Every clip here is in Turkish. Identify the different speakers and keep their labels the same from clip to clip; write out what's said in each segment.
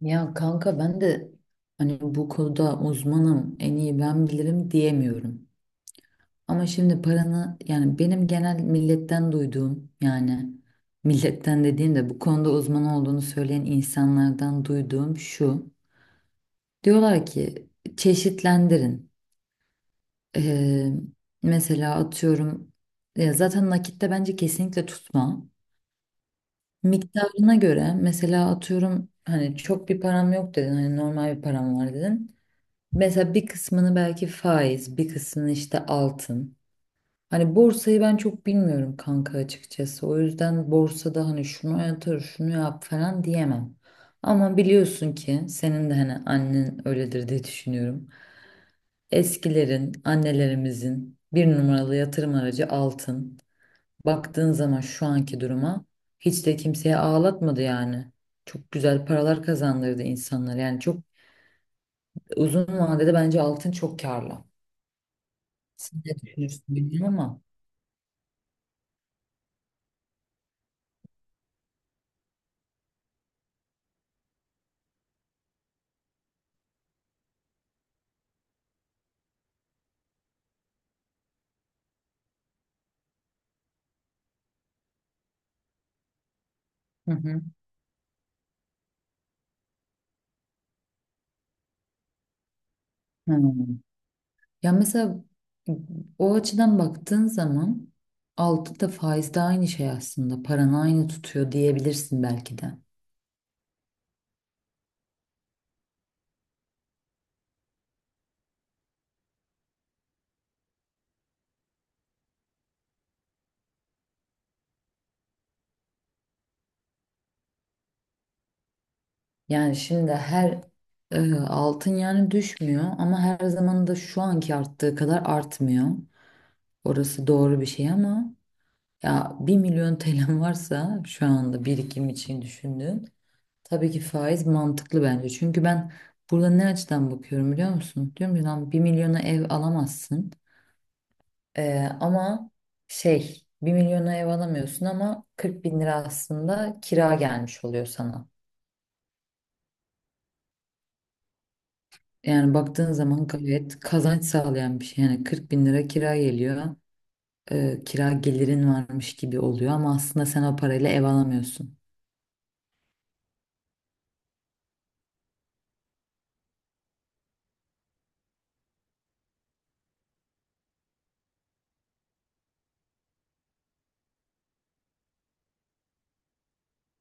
Speaker 1: Ya kanka ben de hani bu konuda uzmanım, en iyi ben bilirim diyemiyorum. Ama şimdi paranı yani benim genel milletten duyduğum yani milletten dediğim de bu konuda uzman olduğunu söyleyen insanlardan duyduğum şu. Diyorlar ki çeşitlendirin. Ee, mesela atıyorum ya zaten nakitte bence kesinlikle tutma. Miktarına göre mesela atıyorum hani çok bir param yok dedin hani normal bir param var dedin. Mesela bir kısmını belki faiz, bir kısmını işte altın. Hani borsayı ben çok bilmiyorum kanka açıkçası. O yüzden borsada hani şunu yatır, şunu yap falan diyemem. Ama biliyorsun ki senin de hani annen öyledir diye düşünüyorum. Eskilerin, annelerimizin bir numaralı yatırım aracı altın. Baktığın zaman şu anki duruma hiç de kimseye ağlatmadı yani. Çok güzel paralar kazandırdı insanlar. Yani çok uzun vadede bence altın çok karlı. Siz de düşünürsünüz değil ama. Hı hı. Hmm. Ya mesela o açıdan baktığın zaman altı da faiz de aynı şey aslında. Paranı aynı tutuyor diyebilirsin belki de. Yani şimdi her altın yani düşmüyor ama her zaman da şu anki arttığı kadar artmıyor. Orası doğru bir şey ama ya bir milyon TL'm varsa şu anda birikim için düşündüğün. Tabii ki faiz mantıklı bence. Çünkü ben burada ne açıdan bakıyorum biliyor musun? Diyorum ki lan bir milyona ev alamazsın. Ama şey bir milyona ev alamıyorsun ama 40 bin lira aslında kira gelmiş oluyor sana. Yani baktığın zaman gayet kazanç sağlayan bir şey. Yani 40 bin lira kira geliyor. Kira gelirin varmış gibi oluyor ama aslında sen o parayla ev alamıyorsun.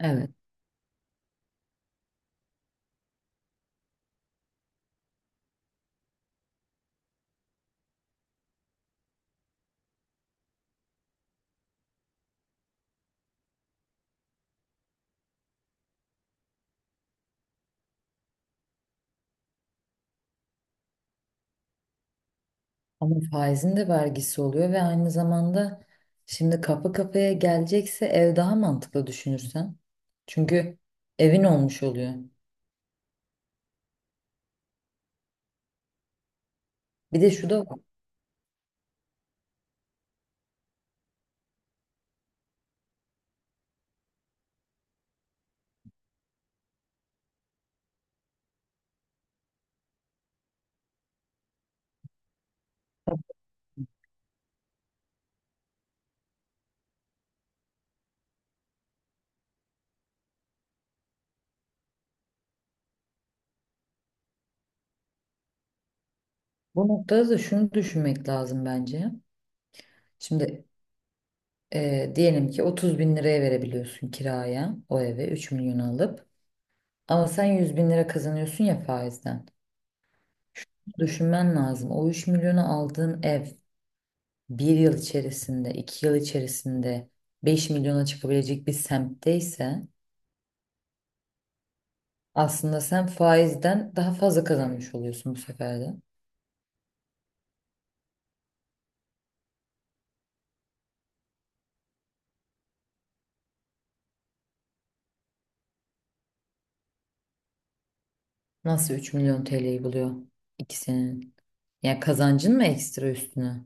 Speaker 1: Evet. Ama faizin de vergisi oluyor ve aynı zamanda şimdi kapı kapıya gelecekse ev daha mantıklı düşünürsen. Çünkü evin olmuş oluyor. Bir de şu da var. Bu noktada da şunu düşünmek lazım bence. Şimdi diyelim ki 30 bin liraya verebiliyorsun kiraya o eve 3 milyon alıp. Ama sen 100 bin lira kazanıyorsun ya faizden. Düşünmen lazım. O 3 milyonu aldığın ev bir yıl içerisinde, iki yıl içerisinde 5 milyona çıkabilecek bir semtte ise aslında sen faizden daha fazla kazanmış oluyorsun bu sefer de. Nasıl 3 milyon TL'yi buluyor ikisinin? Ya kazancın mı ekstra üstüne?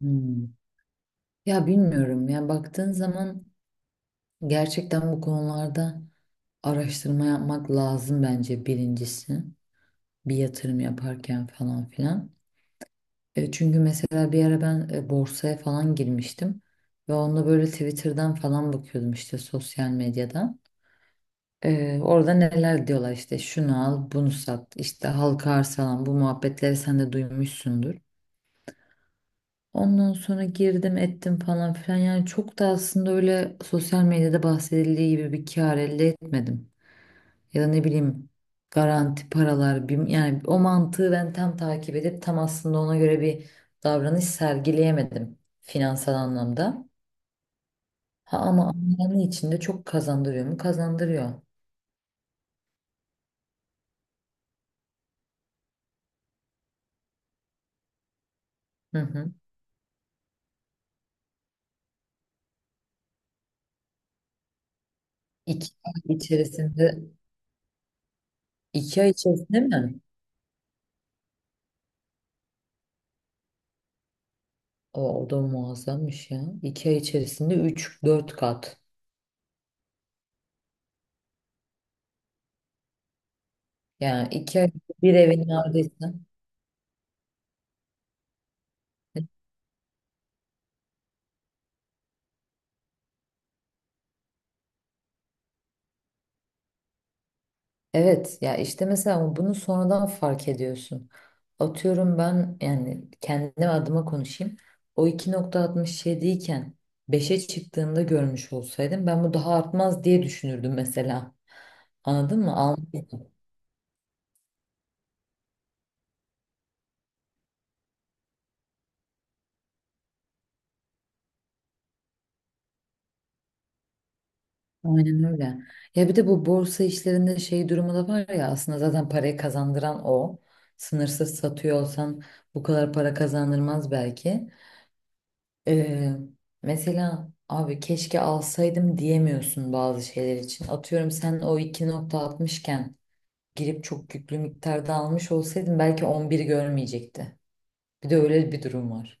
Speaker 1: Hmm. Ya bilmiyorum ya baktığın zaman gerçekten bu konularda araştırma yapmak lazım bence birincisi. Bir yatırım yaparken falan filan. Çünkü mesela bir ara ben borsaya falan girmiştim ve onda böyle Twitter'dan falan bakıyordum işte sosyal medyadan. Orada neler diyorlar işte şunu al, bunu sat, işte halka arz falan bu muhabbetleri sen de duymuşsundur. Ondan sonra girdim ettim falan filan yani çok da aslında öyle sosyal medyada bahsedildiği gibi bir kar elde etmedim. Ya da ne bileyim garanti paralar bir, yani o mantığı ben tam takip edip tam aslında ona göre bir davranış sergileyemedim finansal anlamda. Ha ama anlamı içinde çok kazandırıyor mu? Kazandırıyor. Hı hı. İki ay içerisinde iki ay içerisinde mi? O da muazzammış ya. İki ay içerisinde üç dört kat. Yani iki ay bir evin neredeyse. Evet ya işte mesela bunu sonradan fark ediyorsun. Atıyorum ben yani kendim adıma konuşayım. O 2,67 iken beşe çıktığında görmüş olsaydım ben bu daha artmaz diye düşünürdüm mesela. Anladın mı? Aynen öyle. Ya bir de bu borsa işlerinde şey durumu da var ya aslında zaten parayı kazandıran o. Sınırsız satıyor olsan bu kadar para kazandırmaz belki. Ee, mesela abi keşke alsaydım diyemiyorsun bazı şeyler için. Atıyorum sen o 2,60 iken girip çok yüklü miktarda almış olsaydın belki 11 görmeyecekti. Bir de öyle bir durum var.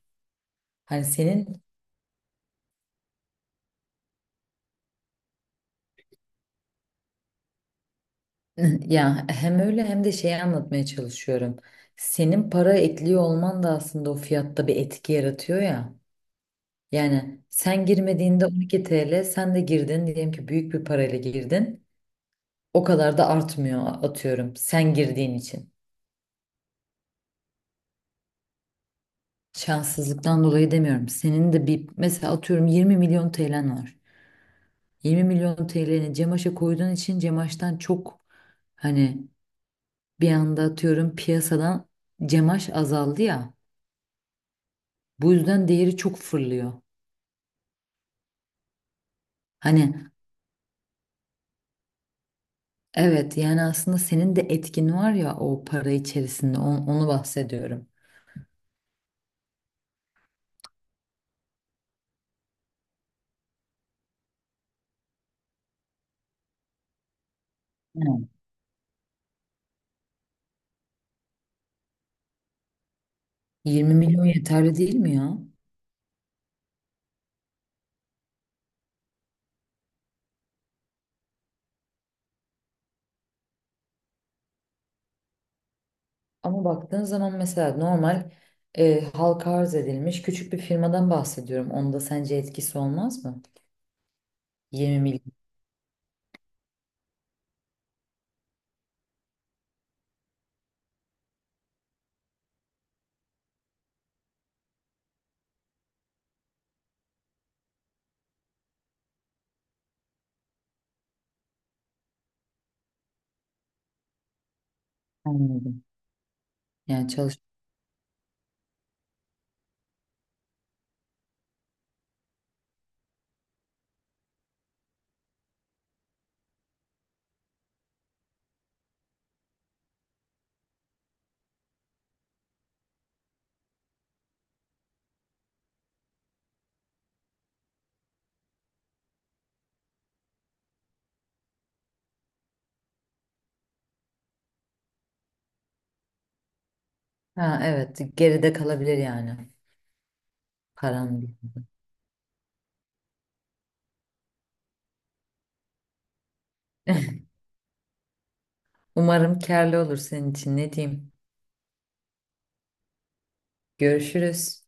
Speaker 1: Hani senin ya hem öyle hem de şeyi anlatmaya çalışıyorum. Senin para ekliyor olman da aslında o fiyatta bir etki yaratıyor ya. Yani sen girmediğinde 12 TL, sen de girdin diyelim ki büyük bir parayla girdin. O kadar da artmıyor atıyorum sen girdiğin için. Şanssızlıktan dolayı demiyorum. Senin de bir mesela atıyorum 20 milyon TL'n var. 20 milyon TL'ni Cemaş'a koyduğun için Cemaş'tan çok hani bir anda atıyorum piyasadan Cemaş azaldı ya. Bu yüzden değeri çok fırlıyor. Hani evet yani aslında senin de etkin var ya o para içerisinde onu bahsediyorum. Evet. 20 milyon yeterli değil mi ya? Ama baktığın zaman mesela normal halka arz edilmiş küçük bir firmadan bahsediyorum. Onda sence etkisi olmaz mı? 20 milyon. Anladım. Yani çalış. Ha evet geride kalabilir yani paran. Umarım karlı olur senin için ne diyeyim. Görüşürüz.